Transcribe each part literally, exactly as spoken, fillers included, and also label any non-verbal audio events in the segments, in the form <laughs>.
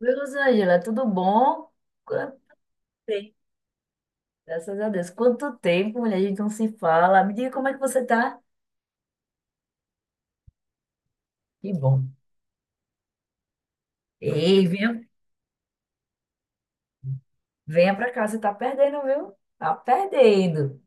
Oi, Rosângela, tudo bom? Quanto tempo? Graças a Deus. Quanto tempo, mulher, a gente não se fala. Me diga como é que você tá? Que bom. Ei, venha, venha pra cá, você tá perdendo, viu? Tá perdendo.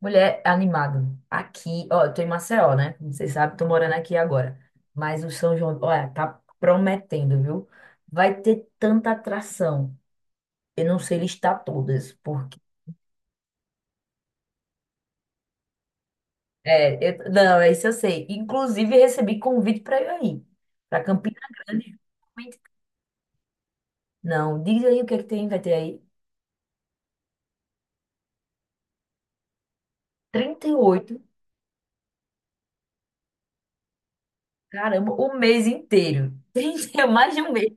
Mulher, animado. Aqui, ó, eu tô em Maceió, né? Como vocês sabem, tô morando aqui agora. Mas o São João, olha, tá prometendo, viu? Vai ter tanta atração. Eu não sei listar todas. É, eu, não, é isso eu sei. Inclusive, recebi convite para eu ir aí, para Campina Grande. Não, diz aí o que é que tem, vai ter aí trinta e oito, caramba, o mês inteiro. <laughs> Trinta é mais de um mês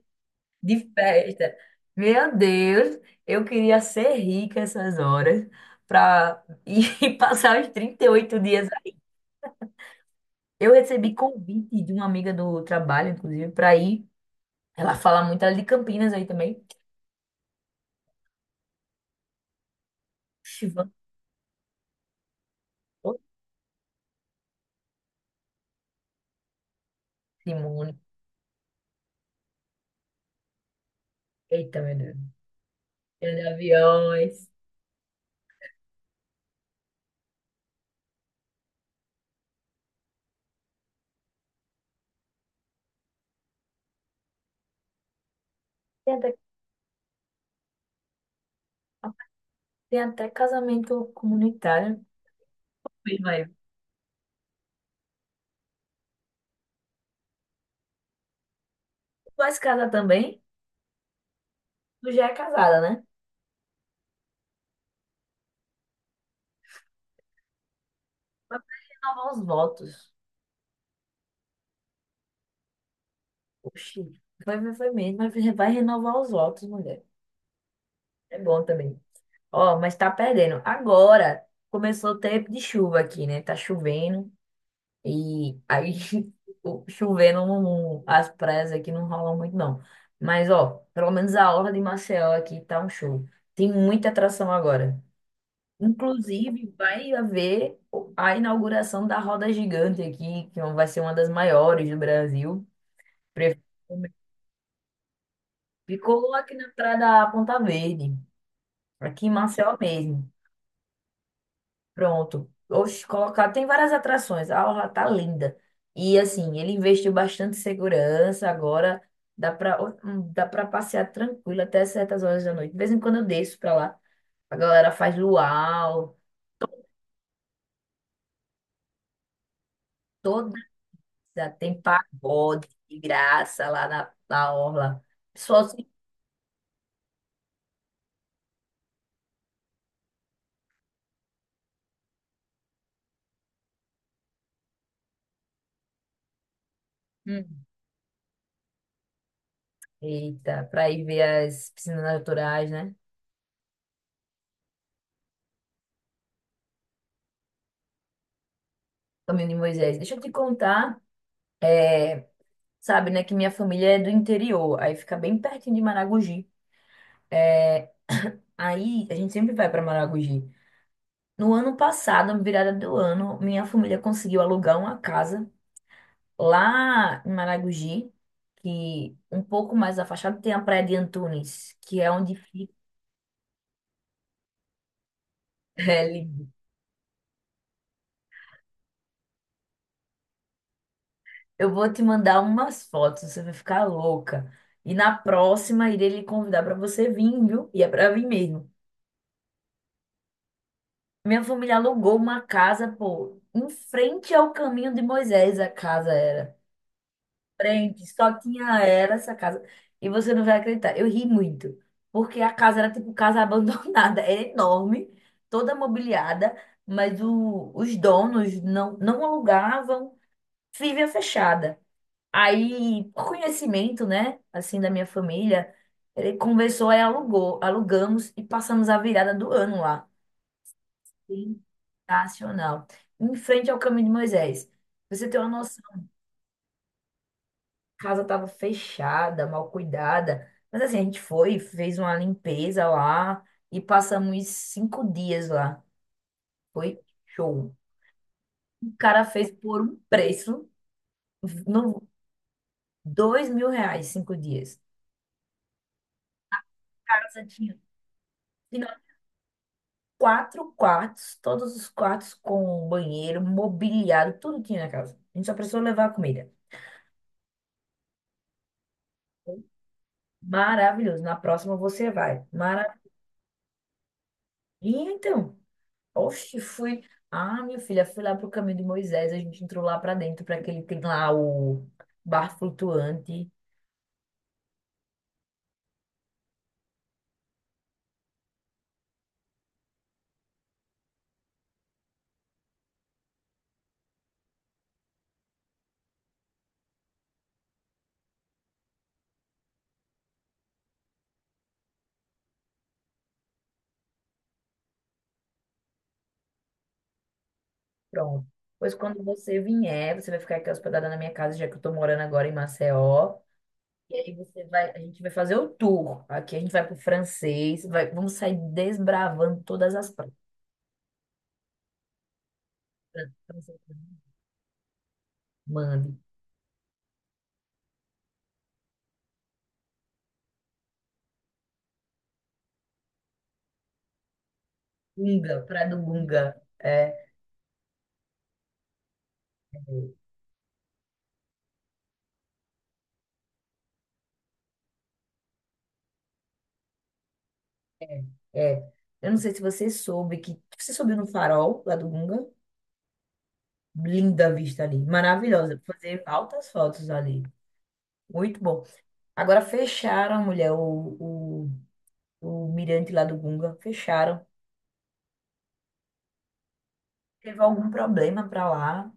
de festa. Meu Deus, eu queria ser rica essas horas para ir <laughs> passar os trinta e oito dias. Eu recebi convite de uma amiga do trabalho, inclusive, para ir. Ela fala muito, ela é de Campinas aí também. Oxi, vamos, ô, Simone. Eita, meu Deus. Feira de aviões. Tem até, tem até casamento comunitário. Pois vai. Tu vai casar também? Tu já é casada, né? Mas vai renovar os votos. Oxi. Vai, vai, vai mesmo. Vai, vai renovar os votos, mulher. É bom também. Ó, mas tá perdendo. Agora começou o tempo de chuva aqui, né? Tá chovendo. E aí, <laughs> o- chovendo, não- não- as praias aqui não rolam muito, não. Mas, ó, pelo menos a orla de Maceió aqui tá um show. Tem muita atração agora. Inclusive, vai haver a inauguração da Roda Gigante aqui, que vai ser uma das maiores do Brasil. Prefeito ficou aqui na praia da Ponta Verde, aqui em Maceió mesmo. Pronto. Oxe, colocar, tem várias atrações. A orla tá linda. E assim, ele investiu bastante em segurança agora. Dá pra, hum, dá pra passear tranquilo até certas horas da noite. De vez em quando eu desço pra lá. A galera faz luau. Todo já tem pagode de graça lá na, na orla. Pessoal, se- Hum. Eita, para ir ver as piscinas naturais, né? Caminho de Moisés. Deixa eu te contar, é, sabe, né, que minha família é do interior, aí fica bem pertinho de Maragogi. É, aí a gente sempre vai para Maragogi. No ano passado, na virada do ano, minha família conseguiu alugar uma casa lá em Maragogi, que um pouco mais afastado tem a Praia de Antunes, que é onde fica. <laughs> É. Eu vou te mandar umas fotos, você vai ficar louca. E na próxima, irei lhe convidar para você vir, viu? E é para vir mesmo. Minha família alugou uma casa, pô, em frente ao caminho de Moisés, a casa era. Frente, só tinha era essa casa. E você não vai acreditar, eu ri muito, porque a casa era tipo casa <laughs> abandonada, era enorme, toda mobiliada, mas o- os donos não, não alugavam, vivia fechada. Aí, por conhecimento, né, assim, da minha família, ele conversou e alugou, alugamos e passamos a virada do ano lá. Sensacional. Em frente ao Caminho de Moisés. Pra você tem uma noção, a casa estava fechada, mal cuidada, mas assim, a gente foi, fez uma limpeza lá e passamos cinco dias lá. Foi show. O cara fez por um preço, no, dois mil reais, cinco dias. Casa tinha quatro quartos, todos os quartos com banheiro, mobiliado, tudo tinha na casa. A gente só precisou levar a comida. Maravilhoso. Na próxima você vai. Mara... E então, oxe, fui. Ah, minha filha, fui lá pro caminho de Moisés. A gente entrou lá pra dentro, para aquele tem lá o bar flutuante. Pronto. Pois quando você vier, você vai ficar aqui hospedada na minha casa, já que eu tô morando agora em Maceió. E aí você vai, a gente vai fazer o tour. Aqui a gente vai pro francês, vai, vamos sair desbravando todas as praias. Mande. Gunga, Praia do Gunga. É, é. Eu não sei se você soube que. Você subiu no farol lá do Gunga? Linda a vista ali. Maravilhosa. Fazer altas fotos ali. Muito bom. Agora fecharam, mulher, o, o, o mirante lá do Gunga. Fecharam. Teve algum problema pra lá.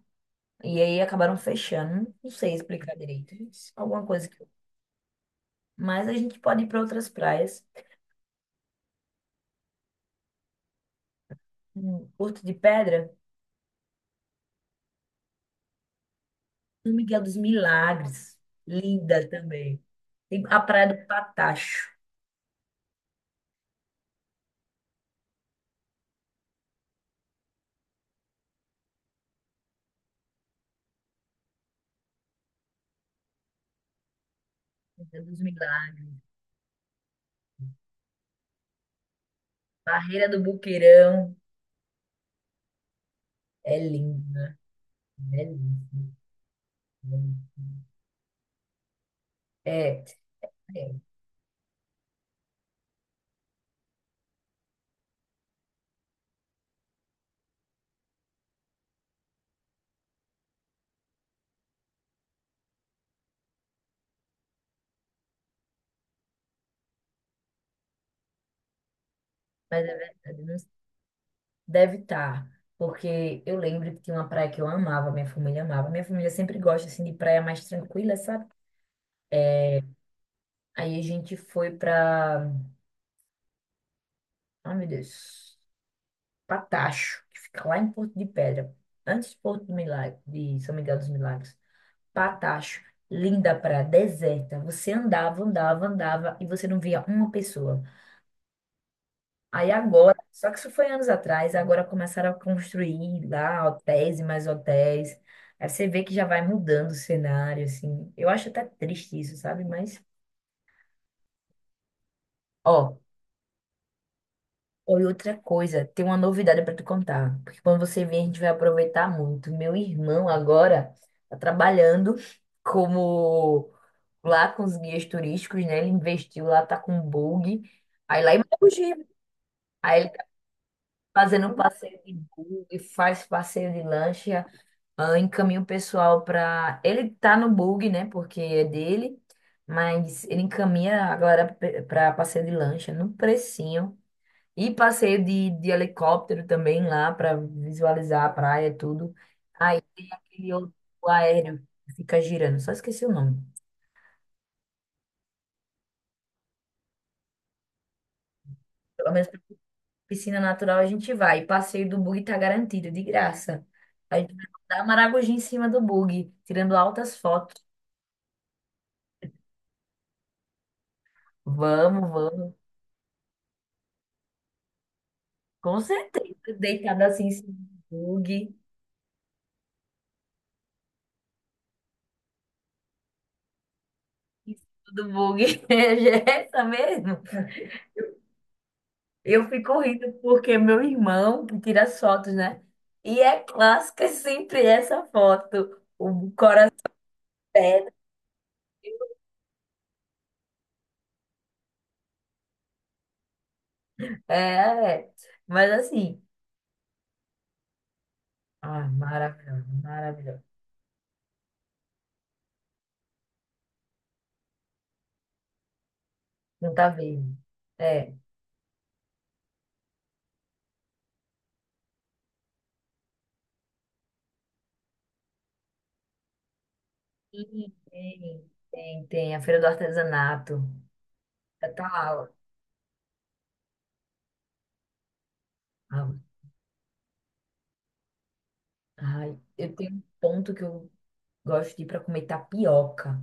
E aí acabaram fechando. Não sei explicar direito. Alguma coisa que. Mas a gente pode ir para outras praias. Hum, Porto de Pedra. São Miguel dos Milagres, linda também. Tem a Praia do Patacho, São Miguel dos Milagres. Barreira do Boqueirão, é linda, é linda. É, é, é, mas é verdade, não, deve estar, porque eu lembro que tinha uma praia que eu amava, minha família amava. Minha família sempre gosta, assim, de praia mais tranquila, sabe? Aí a gente foi pra, oh meu Deus, Patacho, que fica lá em Porto de Pedra, antes de Porto do Milagre, de São Miguel dos Milagres. Patacho, linda praia, deserta. Você andava, andava, andava e você não via uma pessoa. Aí agora, só que isso foi anos atrás, agora começaram a construir lá hotéis e mais hotéis. Aí você vê que já vai mudando o cenário, assim. Eu acho até triste isso, sabe? Mas, ó, ou outra coisa, tem uma novidade para te contar. Porque quando você vier, a gente vai aproveitar muito. Meu irmão agora tá trabalhando como lá com os guias turísticos, né? Ele investiu lá, tá com bug. Aí lá em Maragogi. Aí ele tá fazendo um passeio de bug, faz passeio de lancha, ah, encaminha o pessoal pra. Ele tá no bug, né? Porque é dele, mas ele encaminha a galera pe- pra passeio de lancha no precinho. E passeio de, de helicóptero também lá pra visualizar a praia e tudo. Aí tem aquele outro aéreo que fica girando, só esqueci o nome. Pelo menos piscina natural a gente vai. Passeio do bug tá garantido, de graça. A gente vai dar Maragogi em cima do bug, tirando altas fotos. Vamos, vamos. Com certeza, deitado assim em cima do bug. Do bug. <laughs> É essa mesmo. Eu fico rindo porque meu irmão que tira as fotos, né? E é clássica <laughs> sempre essa foto. O coração. É, é. Mas assim. Ah, maravilhoso, maravilhoso. Não tá vendo. É. Ih, tem, tem, tem. A Feira do Artesanato. Já tá lá. Ó, ai, eu tenho um ponto que eu gosto de ir para comer tapioca.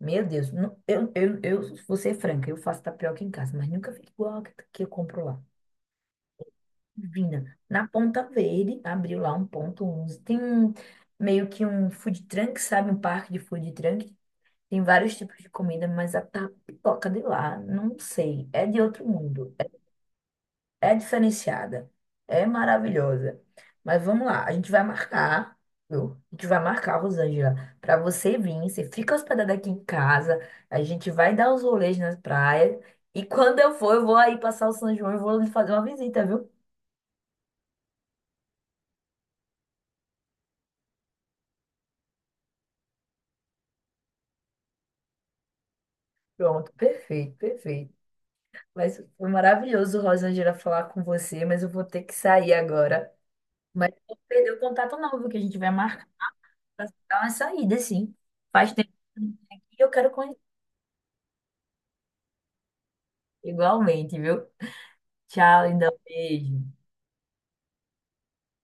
Meu Deus, não, eu, eu, eu vou ser franca, eu faço tapioca em casa, mas nunca fica igual a que que eu compro lá. Divina. Na Ponta Verde, abriu lá um ponto, onze tem um, meio que um food truck, sabe? Um parque de food truck. Tem vários tipos de comida, mas a tapioca de lá, não sei, é de outro mundo. É diferenciada. É maravilhosa. Mas vamos lá, a gente vai marcar, viu? A gente vai marcar, Rosângela, para você vir. Você fica hospedada aqui em casa, a gente vai dar uns rolês nas praias. E quando eu for, eu vou aí passar o São João e vou lhe fazer uma visita, viu? Pronto, perfeito, perfeito. Mas foi maravilhoso, Rosângela, falar com você, mas eu vou ter que sair agora. Mas não perdeu o contato não, viu? Que a gente vai marcar para dar uma saída, sim. Faz tempo que eu não venho aqui e eu quero conhecer igualmente, viu? Tchau, lindão. Beijo.